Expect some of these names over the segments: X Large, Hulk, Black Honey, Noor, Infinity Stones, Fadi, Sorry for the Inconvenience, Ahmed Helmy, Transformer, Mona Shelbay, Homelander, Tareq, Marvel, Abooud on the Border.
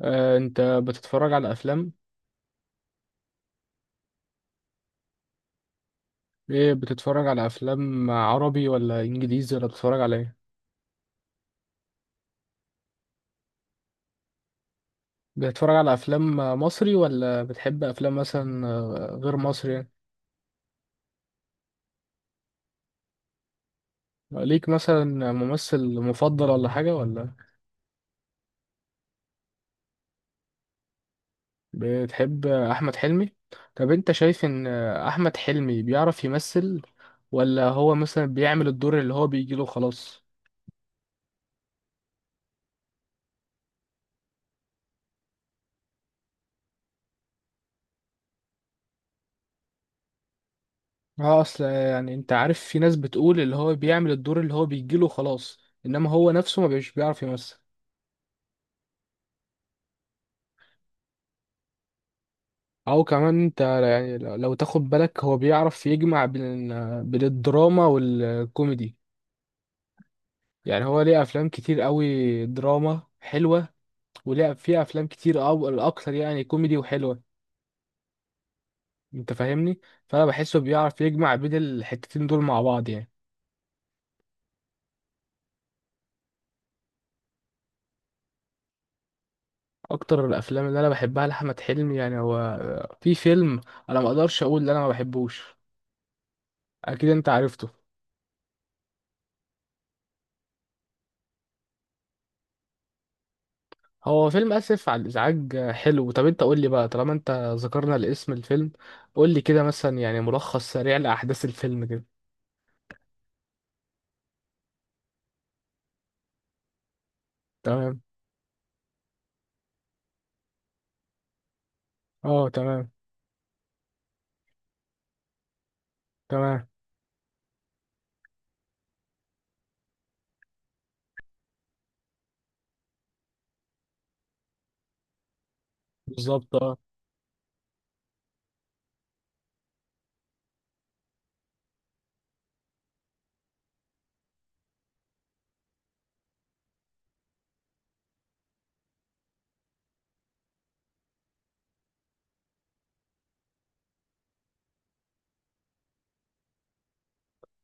انت بتتفرج على افلام ايه؟ بتتفرج على افلام عربي ولا انجليزي ولا بتتفرج على ايه؟ بتتفرج على افلام مصري ولا بتحب افلام مثلا غير مصري يعني؟ ليك مثلا ممثل مفضل ولا حاجة ولا؟ بتحب احمد حلمي؟ طب انت شايف ان احمد حلمي بيعرف يمثل ولا هو مثلا بيعمل الدور اللي هو بيجيله خلاص؟ اه، اصل يعني انت عارف في ناس بتقول اللي هو بيعمل الدور اللي هو بيجيله خلاص، انما هو نفسه ما بيش بيعرف يمثل. او كمان انت يعني لو تاخد بالك هو بيعرف يجمع بين الدراما والكوميدي. يعني هو ليه افلام كتير قوي دراما حلوه، وليه فيه افلام كتير او الاكثر يعني كوميدي وحلوه. انت فاهمني؟ فانا بحسه بيعرف يجمع بين الحتتين دول مع بعض يعني. اكتر الافلام اللي انا بحبها لاحمد حلمي يعني، هو في فيلم انا ما اقدرش اقول ان انا ما بحبوش، اكيد انت عرفته. هو فيلم اسف على الازعاج. حلو. طب انت قول لي بقى، طالما انت ذكرنا الاسم الفيلم، قول لي كده مثلا يعني ملخص سريع لاحداث الفيلم كده. تمام. اه، تمام. تمام، بالظبط. اه،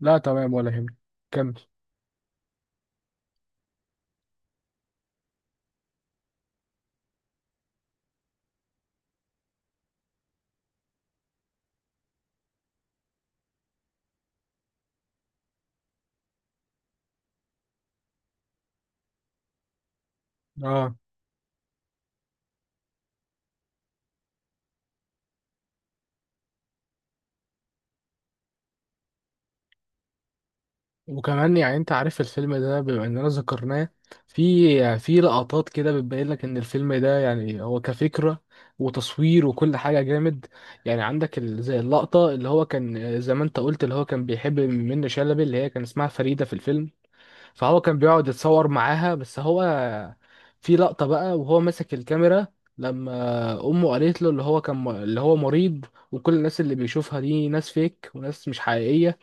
لا، تمام ولا يهمك. كمل. اه. وكمان يعني انت عارف الفيلم ده، بما اننا ذكرناه، في لقطات كده بتبين لك ان الفيلم ده يعني هو كفكرة وتصوير وكل حاجة جامد. يعني عندك زي اللقطة اللي هو كان، زي ما انت قلت، اللي هو كان بيحب منة شلبي اللي هي كان اسمها فريدة في الفيلم. فهو كان بيقعد يتصور معاها، بس هو في لقطة بقى وهو ماسك الكاميرا، لما أمه قالت له اللي هو كان، اللي هو مريض، وكل الناس اللي بيشوفها دي ناس فيك وناس مش حقيقية.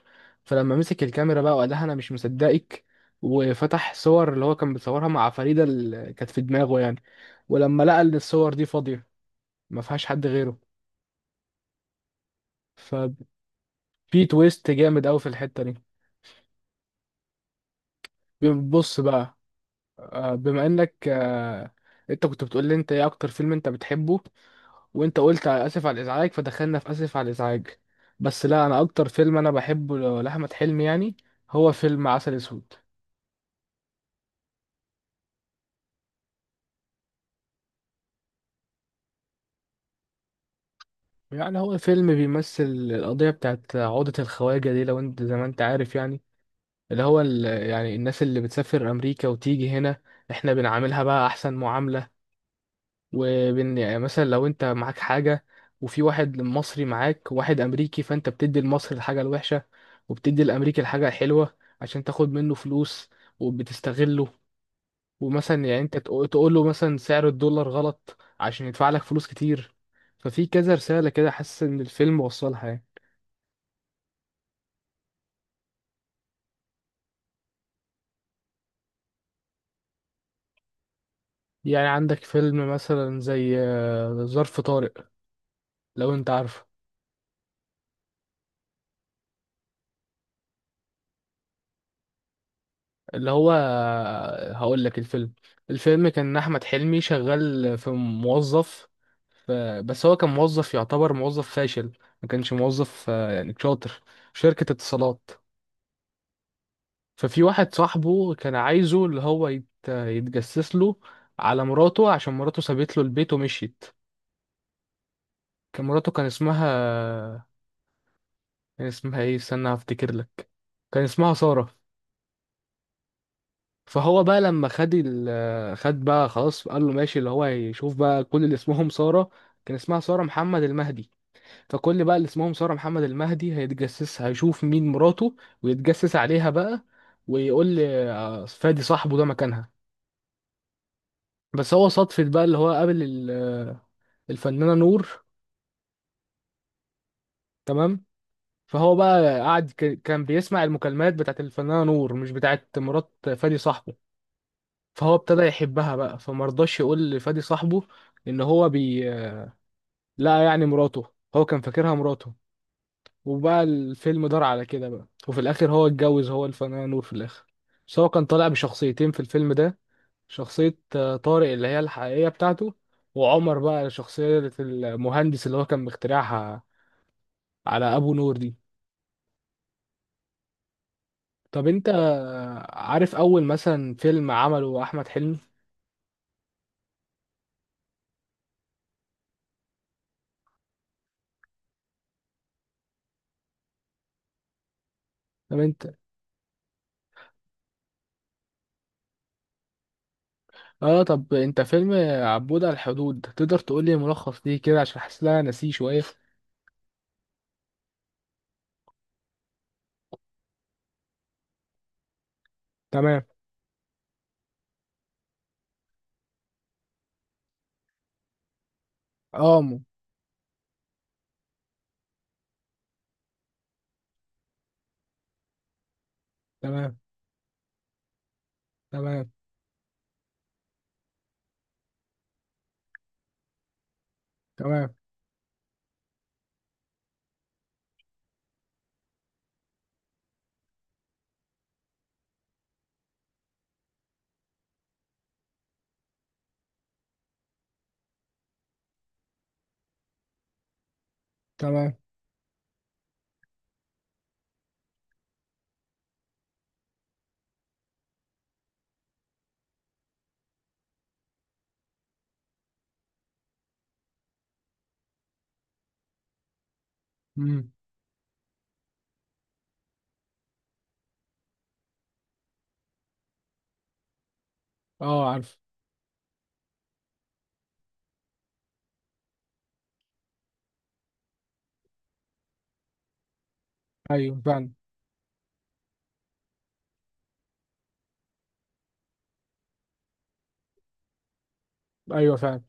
فلما مسك الكاميرا بقى وقال لها أنا مش مصدقك، وفتح صور اللي هو كان بيصورها مع فريدة اللي كانت في دماغه يعني، ولما لقى إن الصور دي فاضية، ما فيهاش حد غيره، ففي تويست جامد أوي في الحتة دي. بص بقى. بما انك، انت كنت بتقول لي انت ايه اكتر فيلم انت بتحبه، وانت قلت على اسف على الازعاج، فدخلنا في اسف على الازعاج. بس لا، انا اكتر فيلم انا بحبه لاحمد حلمي يعني هو فيلم عسل اسود. يعني هو فيلم بيمثل القضيه بتاعت عقده الخواجه دي، لو انت زي ما انت عارف يعني. اللي هو يعني الناس اللي بتسافر امريكا وتيجي هنا، احنا بنعاملها بقى احسن معامله. وبين يعني مثلا، لو انت معاك حاجة وفي واحد مصري معاك وواحد امريكي، فانت بتدي المصري الحاجة الوحشة، وبتدي الامريكي الحاجة الحلوة عشان تاخد منه فلوس، وبتستغله. ومثلا يعني انت تقول له مثلا سعر الدولار غلط عشان يدفع لك فلوس كتير. ففي كذا رسالة كده حاسس ان الفيلم وصلها يعني. يعني عندك فيلم مثلا زي ظرف طارق، لو انت عارفه. اللي هو، هقول لك الفيلم. الفيلم كان احمد حلمي شغال في موظف، ف- بس هو كان موظف يعتبر موظف فاشل، ما كانش موظف يعني شاطر، في شركة اتصالات. ففي واحد صاحبه كان عايزه اللي هو يتجسس له على مراته، عشان مراته سابت له البيت ومشيت. كان مراته، كان اسمها ايه، استنى هفتكر لك. كان اسمها سارة. فهو بقى لما خد خد بقى خلاص، قال له ماشي، اللي هو يشوف بقى كل اللي اسمهم سارة. كان اسمها سارة محمد المهدي. فكل بقى اللي اسمهم سارة محمد المهدي هيتجسس هيشوف مين مراته، ويتجسس عليها بقى، ويقول لي فادي صاحبه ده مكانها. بس هو صدفة بقى اللي هو قابل الفنانة نور. تمام. فهو بقى قعد، كان بيسمع المكالمات بتاعت الفنانة نور مش بتاعت مرات فادي صاحبه. فهو ابتدى يحبها بقى، فمرضاش يقول لفادي صاحبه ان هو لا يعني مراته، هو كان فاكرها مراته. وبقى الفيلم دار على كده بقى، وفي الاخر هو اتجوز هو الفنان نور في الاخر. بس هو كان طالع بشخصيتين في الفيلم ده. شخصية طارق اللي هي الحقيقية بتاعته، وعمر بقى شخصية المهندس اللي هو كان مخترعها على أبو نور دي. طب أنت عارف أول مثلا فيلم عمله أحمد حلمي؟ طب أنت طب أنت فيلم عبود على الحدود تقدر تقول لي ملخص ليه كده؟ عشان حاسس إن أنا ناسيه شوية. تمام. آه م- تمام. تمام. تمام. تمام. مم. اه، عارف. ايوه، فعلا. ايوه، فعلا.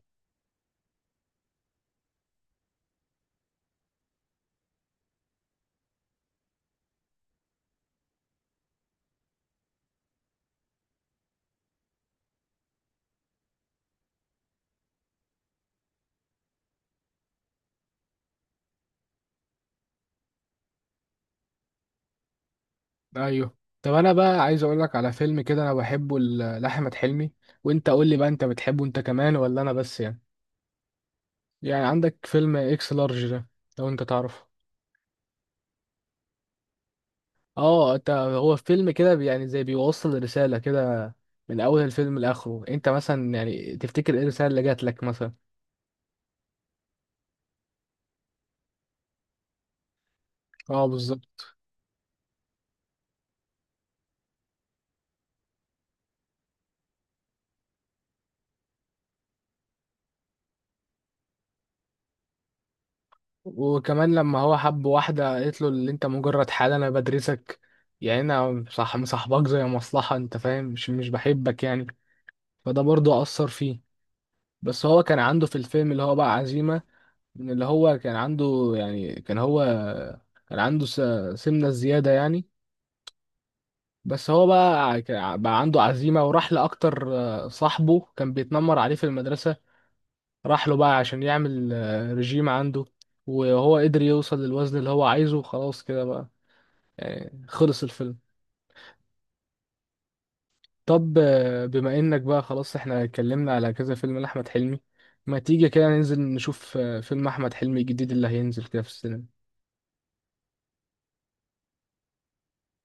ايوه. طب انا بقى عايز اقول لك على فيلم كده انا بحبه لاحمد حلمي، وانت قول لي بقى انت بتحبه انت كمان ولا انا بس يعني. يعني عندك فيلم اكس لارج ده، لو انت تعرفه. اه، انت هو فيلم كده يعني زي بيوصل رسالة كده من اول الفيلم لاخره. انت مثلا يعني تفتكر ايه الرسالة اللي جات لك مثلا؟ اه، بالظبط. وكمان لما هو حب واحدة قالت له اللي انت مجرد حال انا بدرسك، يعني انا صح مصاحبك زي مصلحة، انت فاهم، مش بحبك يعني. فده برضه أثر فيه. بس هو كان عنده في الفيلم اللي هو بقى عزيمة، من اللي هو كان عنده يعني. كان هو كان عنده سمنة زيادة يعني. بس هو بقى بقى عنده عزيمة وراح لأكتر. صاحبه كان بيتنمر عليه في المدرسة. راح له بقى عشان يعمل رجيم عنده. وهو قدر يوصل للوزن اللي هو عايزه، وخلاص كده بقى يعني خلص الفيلم. طب، بما انك بقى خلاص احنا اتكلمنا على كذا فيلم لأحمد حلمي، ما تيجي كده ننزل نشوف فيلم أحمد حلمي الجديد اللي هينزل كده في السينما؟